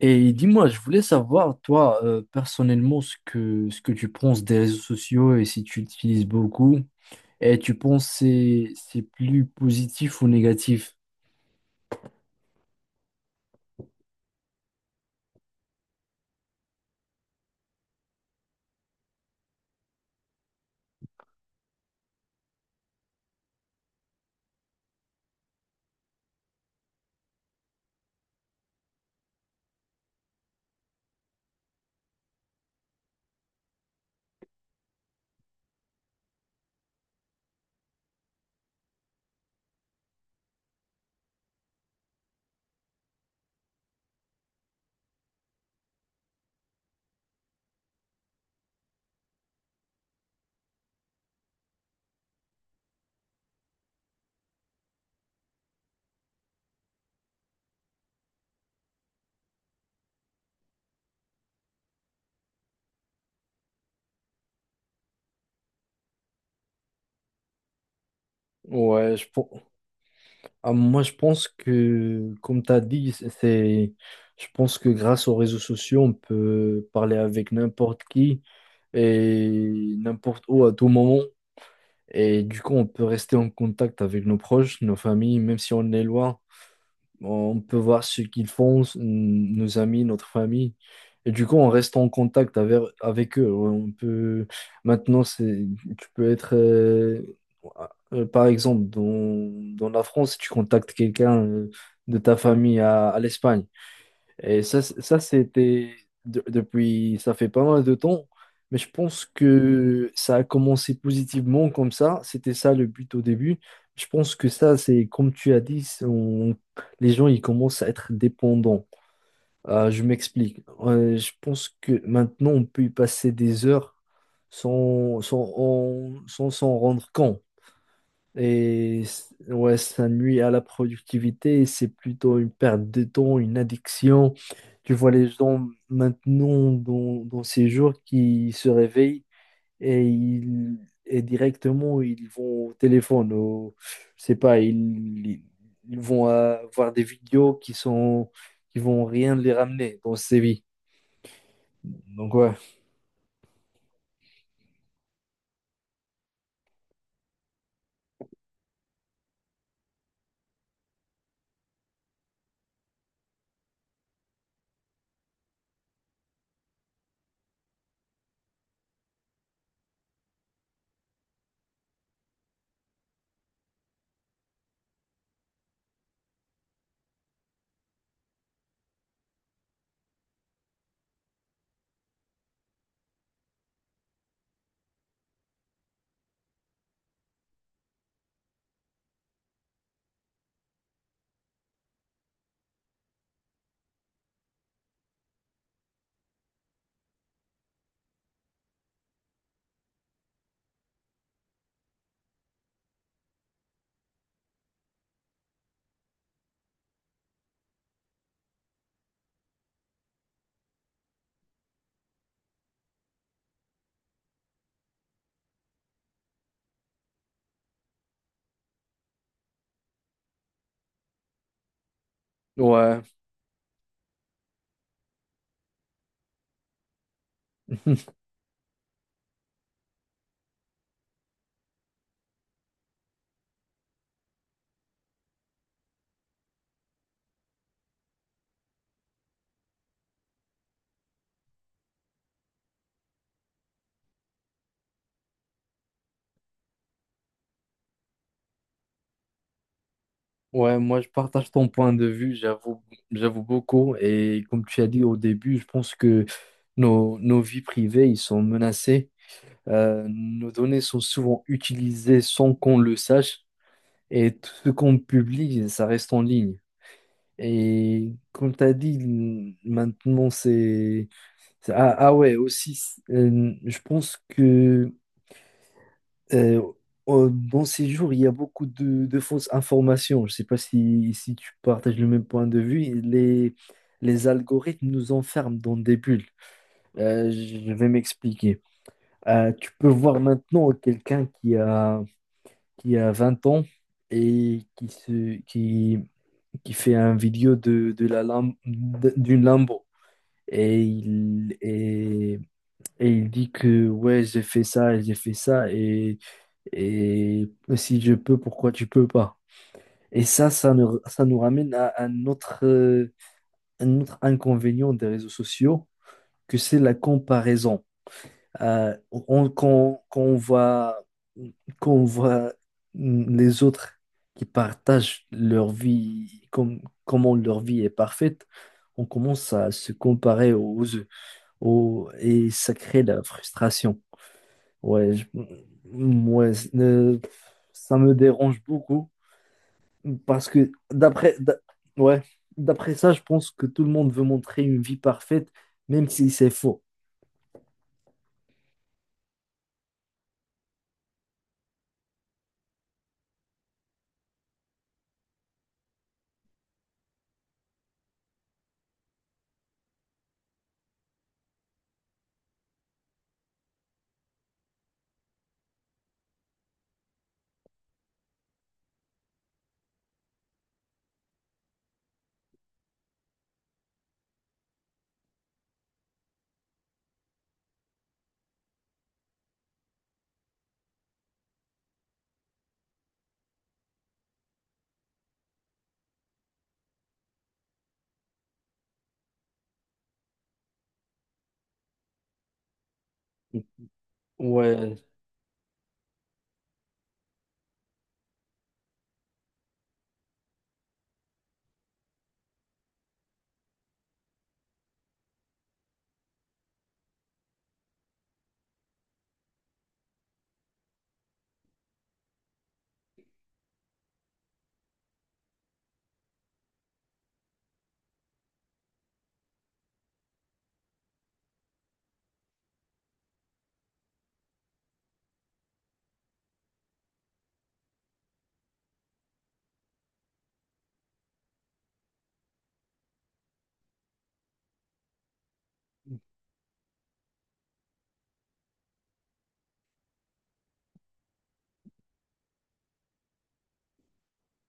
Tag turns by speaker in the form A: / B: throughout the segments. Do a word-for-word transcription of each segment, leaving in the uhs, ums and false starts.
A: Et dis-moi, je voulais savoir, toi, euh, personnellement, ce que, ce que tu penses des réseaux sociaux et si tu utilises beaucoup. Et tu penses que c'est c'est plus positif ou négatif? Ouais, je pen- ah, Moi je pense que, comme tu as dit, c'est, c'est- je pense que grâce aux réseaux sociaux, on peut parler avec n'importe qui et n'importe où à tout moment. Et du coup, on peut rester en contact avec nos proches, nos familles, même si on est loin. On peut voir ce qu'ils font, s- nos amis, notre famille. Et du coup, on reste en contact avec, avec eux. Ouais, on peut... Maintenant, c'est... tu peux être, euh, euh, par exemple, dans, dans la France, si tu contactes quelqu'un euh, de ta famille à, à l'Espagne. Et ça, c- ça c'était de- depuis, ça fait pas mal de temps, mais je pense que ça a commencé positivement comme ça. C'était ça le but au début. Je pense que ça, c'est comme tu as dit, c'est- on- les gens, ils commencent à être dépendants. Euh, je m'explique. Euh, je pense que maintenant, on peut y passer des heures sans, sans, en- sans s'en rendre compte. Et c- ouais, ça nuit à la productivité et c'est plutôt une perte de temps, une addiction. Tu vois les gens maintenant dans, dans ces jours qui se réveillent et, ils, et directement ils vont au téléphone, au, je sais pas, ils, ils vont euh, voir des vidéos qui sont qui vont rien les ramener dans ces vies. Donc ouais, ouais. Ouais, moi je partage ton point de vue, j'avoue, j'avoue beaucoup. Et comme tu as dit au début, je pense que nos, nos vies privées, ils sont menacés. Euh, nos données sont souvent utilisées sans qu'on le sache. Et tout ce qu'on publie, ça reste en ligne. Et comme tu as dit, maintenant c'est... c'est- Ah, ah ouais, aussi, euh, je pense que... Euh, euh, dans ces jours, il y a beaucoup de, de fausses informations. Je ne sais pas si, si tu partages le même point de vue. Les, les algorithmes nous enferment dans des bulles. Euh, je vais m'expliquer. Euh, tu peux voir maintenant quelqu'un qui a, qui a vingt ans et qui, se, qui, qui fait un vidéo de, de la Lam- d'une Lambo. Et il, et, et il dit que ouais, j'ai fait ça, et j'ai fait ça. Et et si je peux, pourquoi tu peux pas? Et ça, ça nous, ça nous ramène à un autre, euh, un autre inconvénient des réseaux sociaux, que c'est la comparaison. Euh, on- quand, quand on voit, quand on voit les autres qui partagent leur vie, comme, comment leur vie est parfaite, on commence à se comparer aux, aux, et ça crée de la frustration. Ouais, je- ouais, euh, ça me dérange beaucoup. Parce que d'après d'a- Ouais, d'après ça, je pense que tout le monde veut montrer une vie parfaite, même si c'est faux. Ouais,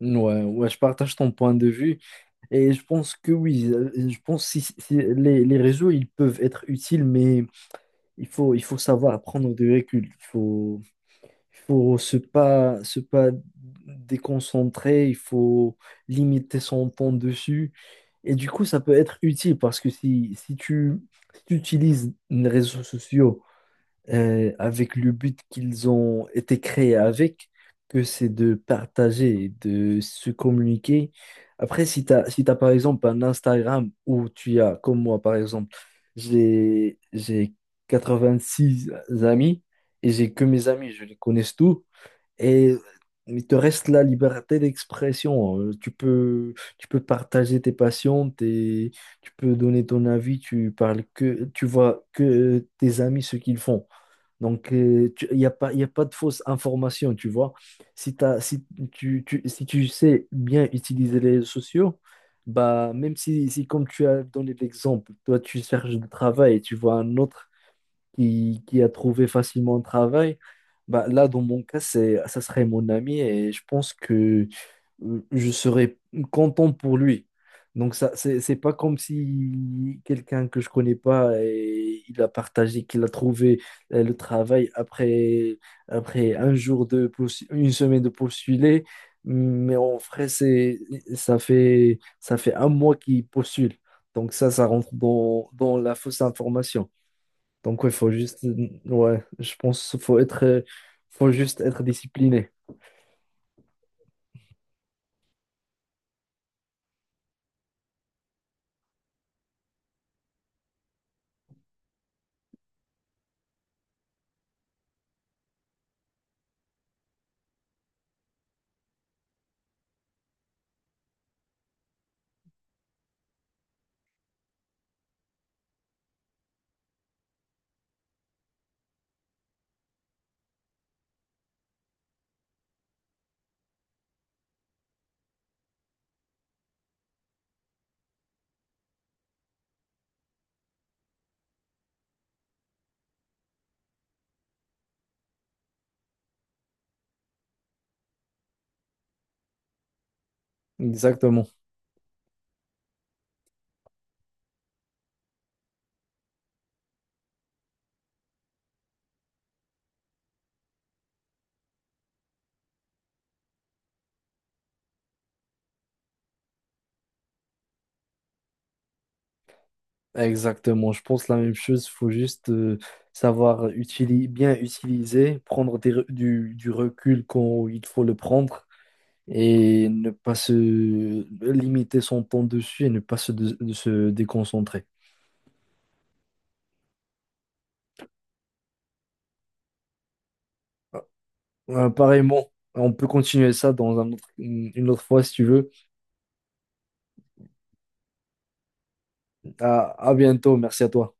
A: ouais, ouais, je partage ton point de vue. Et je pense que oui, euh, je pense si, si les, les réseaux, ils peuvent être utiles, mais il faut, il faut savoir prendre du recul. Il faut, Il faut se pas, se pas déconcentrer, il faut limiter son temps dessus. Et du coup, ça peut être utile parce que si, si tu, si tu utilises les réseaux sociaux euh, avec le but qu'ils ont été créés avec, que c'est de partager, de se communiquer. Après, si tu as, si t'as, par exemple un Instagram où tu as, comme moi par exemple, j'ai, j'ai quatre-vingt-six amis et j'ai que mes amis, je les connais tous. Et il te reste la liberté d'expression. Euh, Tu peux, tu peux partager tes passions, tes- tu peux donner ton avis, tu parles que, tu vois que euh, tes amis ce qu'ils font. Donc, il n'y a pas, y a pas de fausse information, tu vois. Si t'as, si tu, tu- Si tu sais bien utiliser les réseaux sociaux, bah, même si, si comme tu as donné l'exemple, toi, tu cherches du travail et tu vois un autre qui, qui a trouvé facilement un travail, bah, là, dans mon cas, c'est, ça serait mon ami et je pense que euh, je serais content pour lui. Donc, ça, c'est, c'est pas comme si quelqu'un que je connais pas et il a partagé qu'il a trouvé euh, le travail après, après un jour de postu- une semaine de postuler. Mais en vrai, c'est, ça fait, ça fait un mois qu'il postule. Donc, ça, ça rentre dans, dans la fausse information. Donc, ouais, faut juste, ouais, je pense qu'il faut être, euh, faut juste être discipliné. Exactement. Exactement. Je pense la même chose. Faut juste euh, savoir utili- bien utiliser, prendre des re- du, du recul quand il faut le prendre et ne pas se limiter son temps dessus et ne pas se, dé- de se déconcentrer. Euh, pareillement, on peut continuer ça dans un autre- une autre fois si tu veux. À à bientôt. Merci à toi.